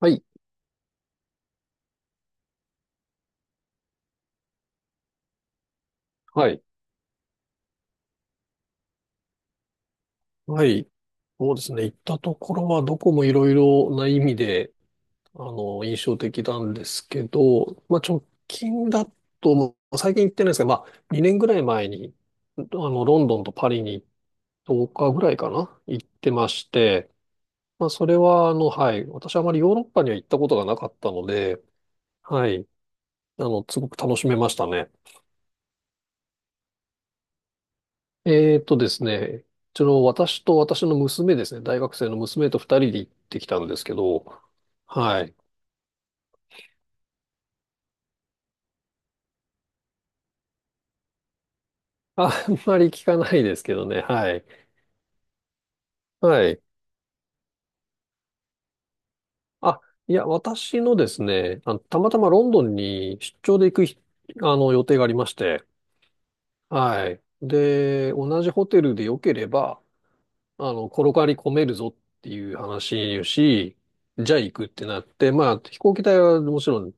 はい。はい。はい。そうですね。行ったところはどこもいろいろな意味で、印象的なんですけど、まあ、直近だと、もう最近行ってないですけど、まあ、2年ぐらい前に、ロンドンとパリに10日ぐらいかな、行ってまして、まあ、それは、はい。私はあまりヨーロッパには行ったことがなかったので、はい。すごく楽しめましたね。えーとですね、ちょうど私と私の娘ですね、大学生の娘と二人で行ってきたんですけど、はい。あんまり聞かないですけどね、はい。はい。あ、いや、私のですね、たまたまロンドンに出張で行くひ、予定がありまして、はい。で、同じホテルで良ければ、転がり込めるぞっていう話をし、じゃあ行くってなって、まあ、飛行機代はもちろん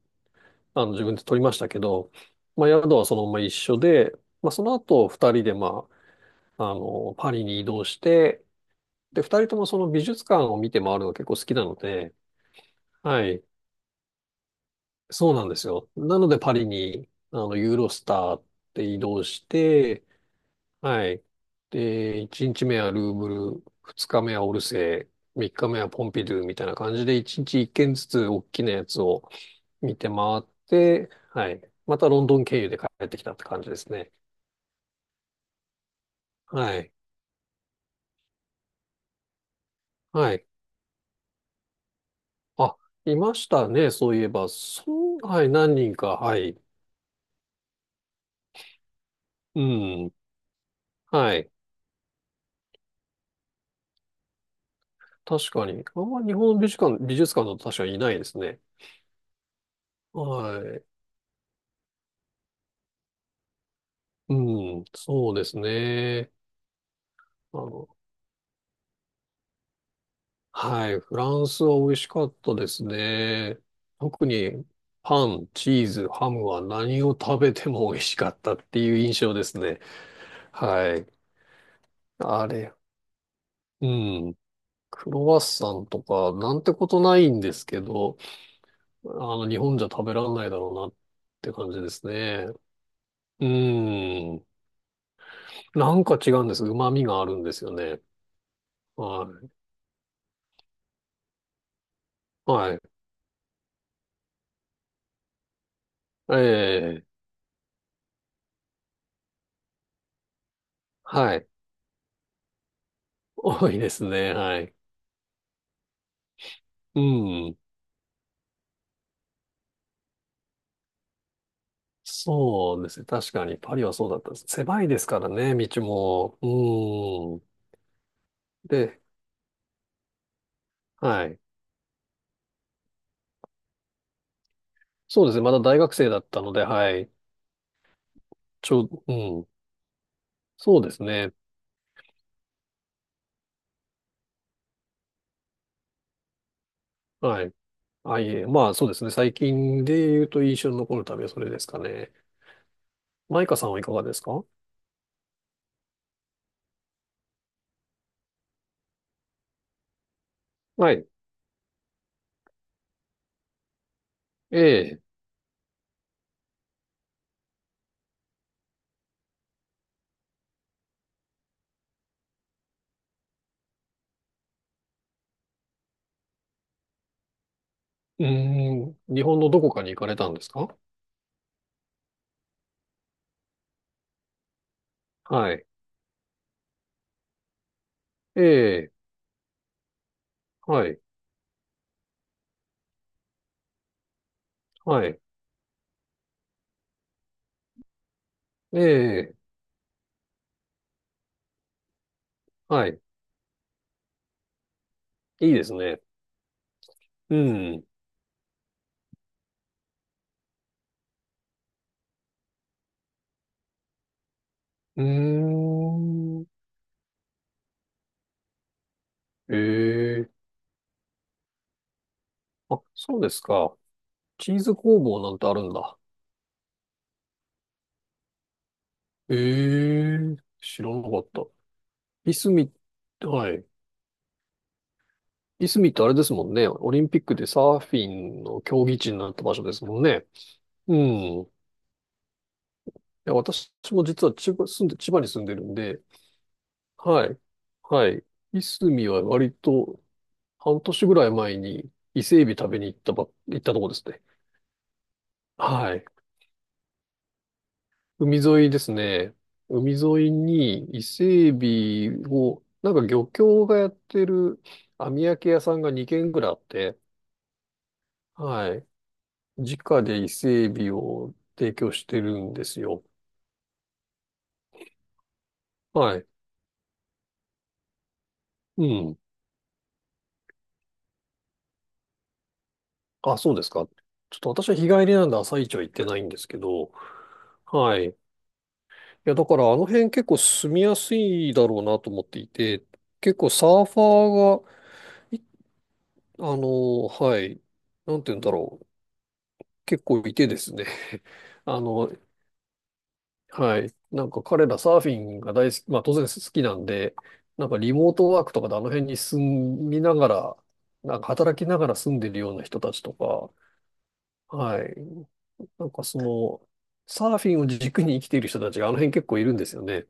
自分で取りましたけど、まあ、宿はそのまま一緒で、まあ、その後、二人で、まあ、パリに移動して、で、二人ともその美術館を見て回るのが結構好きなので、はい、そうなんですよ。なので、パリに、ユーロスターって移動して、はい。で、一日目はルーブル、二日目はオルセー、三日目はポンピドゥみたいな感じで、一日一軒ずつ大きなやつを見て回って、はい。またロンドン経由で帰ってきたって感じですね。はい。はい。あ、いましたね。そういえば、そう、はい、何人か、はい。うん。はい。確かに。あんま日本の美術館だと確かにいないですね。はい。うん。そうですね。あの、はい。フランスは美味しかったですね。特に、パン、チーズ、ハムは何を食べても美味しかったっていう印象ですね。はい。あれ。うん。クロワッサンとか、なんてことないんですけど、日本じゃ食べらんないだろうなって感じですね。うーん。なんか違うんです。旨味があるんですよね。はい。はい。ええ。はい。多いですね。はい。うん。そうですね。確かに、パリはそうだったです。狭いですからね、道も。うーん。で、はい。そうですね。まだ大学生だったので、はい。うん。そうですね。はい。あ、いえ、まあそうですね。最近で言うと印象に残る旅はそれですかね。マイカさんはいかがですか？はい。ええ。うーん。日本のどこかに行かれたんですか？はい。ええ。はい。はい。ええ。はい。いいですね。うん。うーん。ええ。あ、そうですか。チーズ工房なんてあるんだ。ええ。知らなかった。いすみ、はい。いすみってあれですもんね。オリンピックでサーフィンの競技地になった場所ですもんね。うん。いや、私も実は千葉に住んでるんで、はい。はい。いすみは割と半年ぐらい前に伊勢海老食べに行ったとこですね。はい。海沿いですね。海沿いに伊勢海老を、なんか漁協がやってる網焼き屋さんが2軒ぐらいあって、はい。直で伊勢海老を提供してるんですよ。はい。うん。あ、そうですか。ちょっと私は日帰りなんで朝市は行ってないんですけど、はい。いや、だからあの辺結構住みやすいだろうなと思っていて、結構サーファーが、はい、なんて言うんだろう、結構いてですね、あの、はい。なんか彼らサーフィンが大好き、まあ当然好きなんで、なんかリモートワークとかであの辺に住みながら、なんか働きながら住んでるような人たちとか、はい。なんかその、サーフィンを軸に生きている人たちがあの辺結構いるんですよね。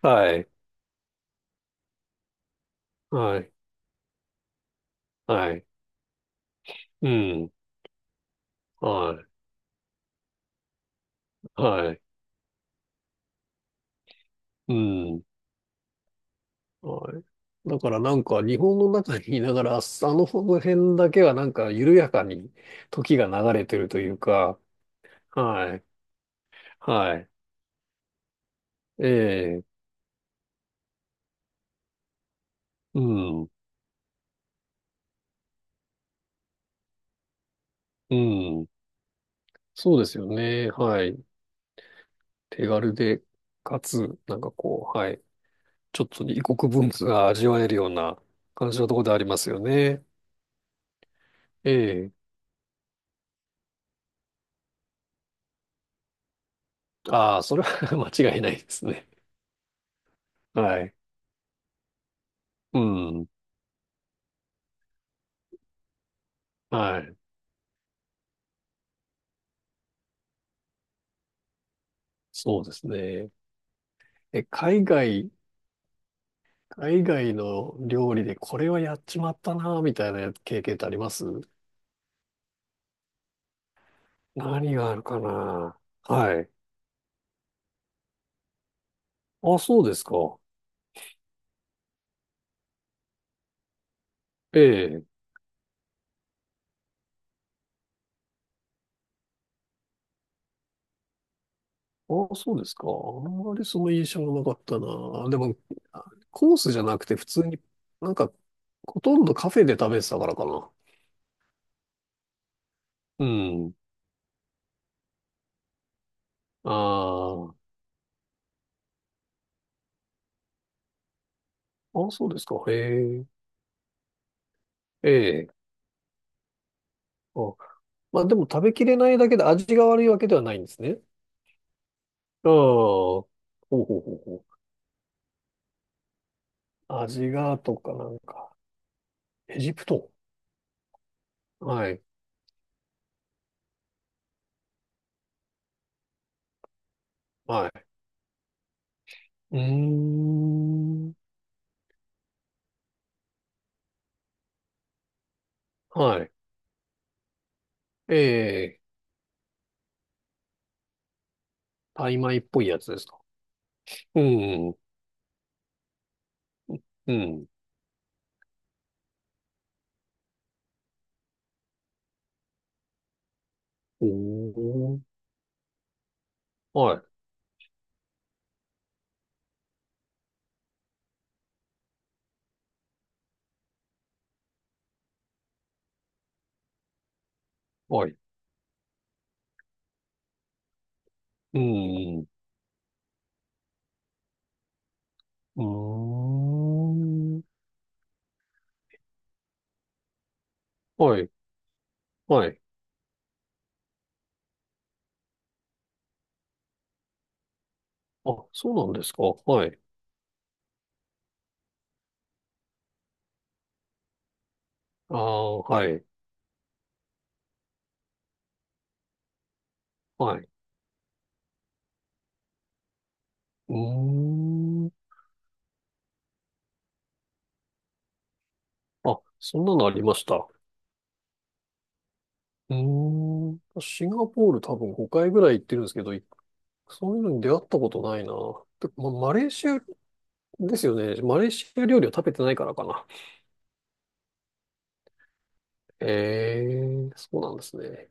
はい。はい。はい。うん。はい。はい。うん。はい。だからなんか日本の中にいながら、あの辺だけはなんか緩やかに時が流れてるというか、はい。はい。ええ、うん、うん。そうですよね。はい。手軽で、かつ、なんかこう、はい。ちょっと異国文化が味わえるような感じのところでありますよね。ええ。ああ、それは 間違いないですね。はい。うん。はい。そうですね。え、海外の料理でこれはやっちまったな、みたいな経験ってあります？何があるかな。はい。あ、そうですか。ええ。ああ、そうですか。あんまりその印象はなかったな。でも、あ、コースじゃなくて普通に、なんか、ほとんどカフェで食べてたからかな。うん。ああ、ああ、そうですか。へえ、ええ。あ、まあでも食べきれないだけで味が悪いわけではないんですね。ああ、ほうほうほうほう。味がとかなんか、エジプト。はい、はい。うーん、はい。ええ、タイ米っぽいやつですか？うん、うん。おー、はい、はい。うん、うーん、はい、はい。あ、そうなんですか。はい。ああ、はい、はい。うーん。あ、そんなのありました。うーん。シンガポール多分5回ぐらい行ってるんですけど、そういうのに出会ったことないな。マレーシアですよね。マレーシア料理を食べてないからかな。ええ、そうなんですね。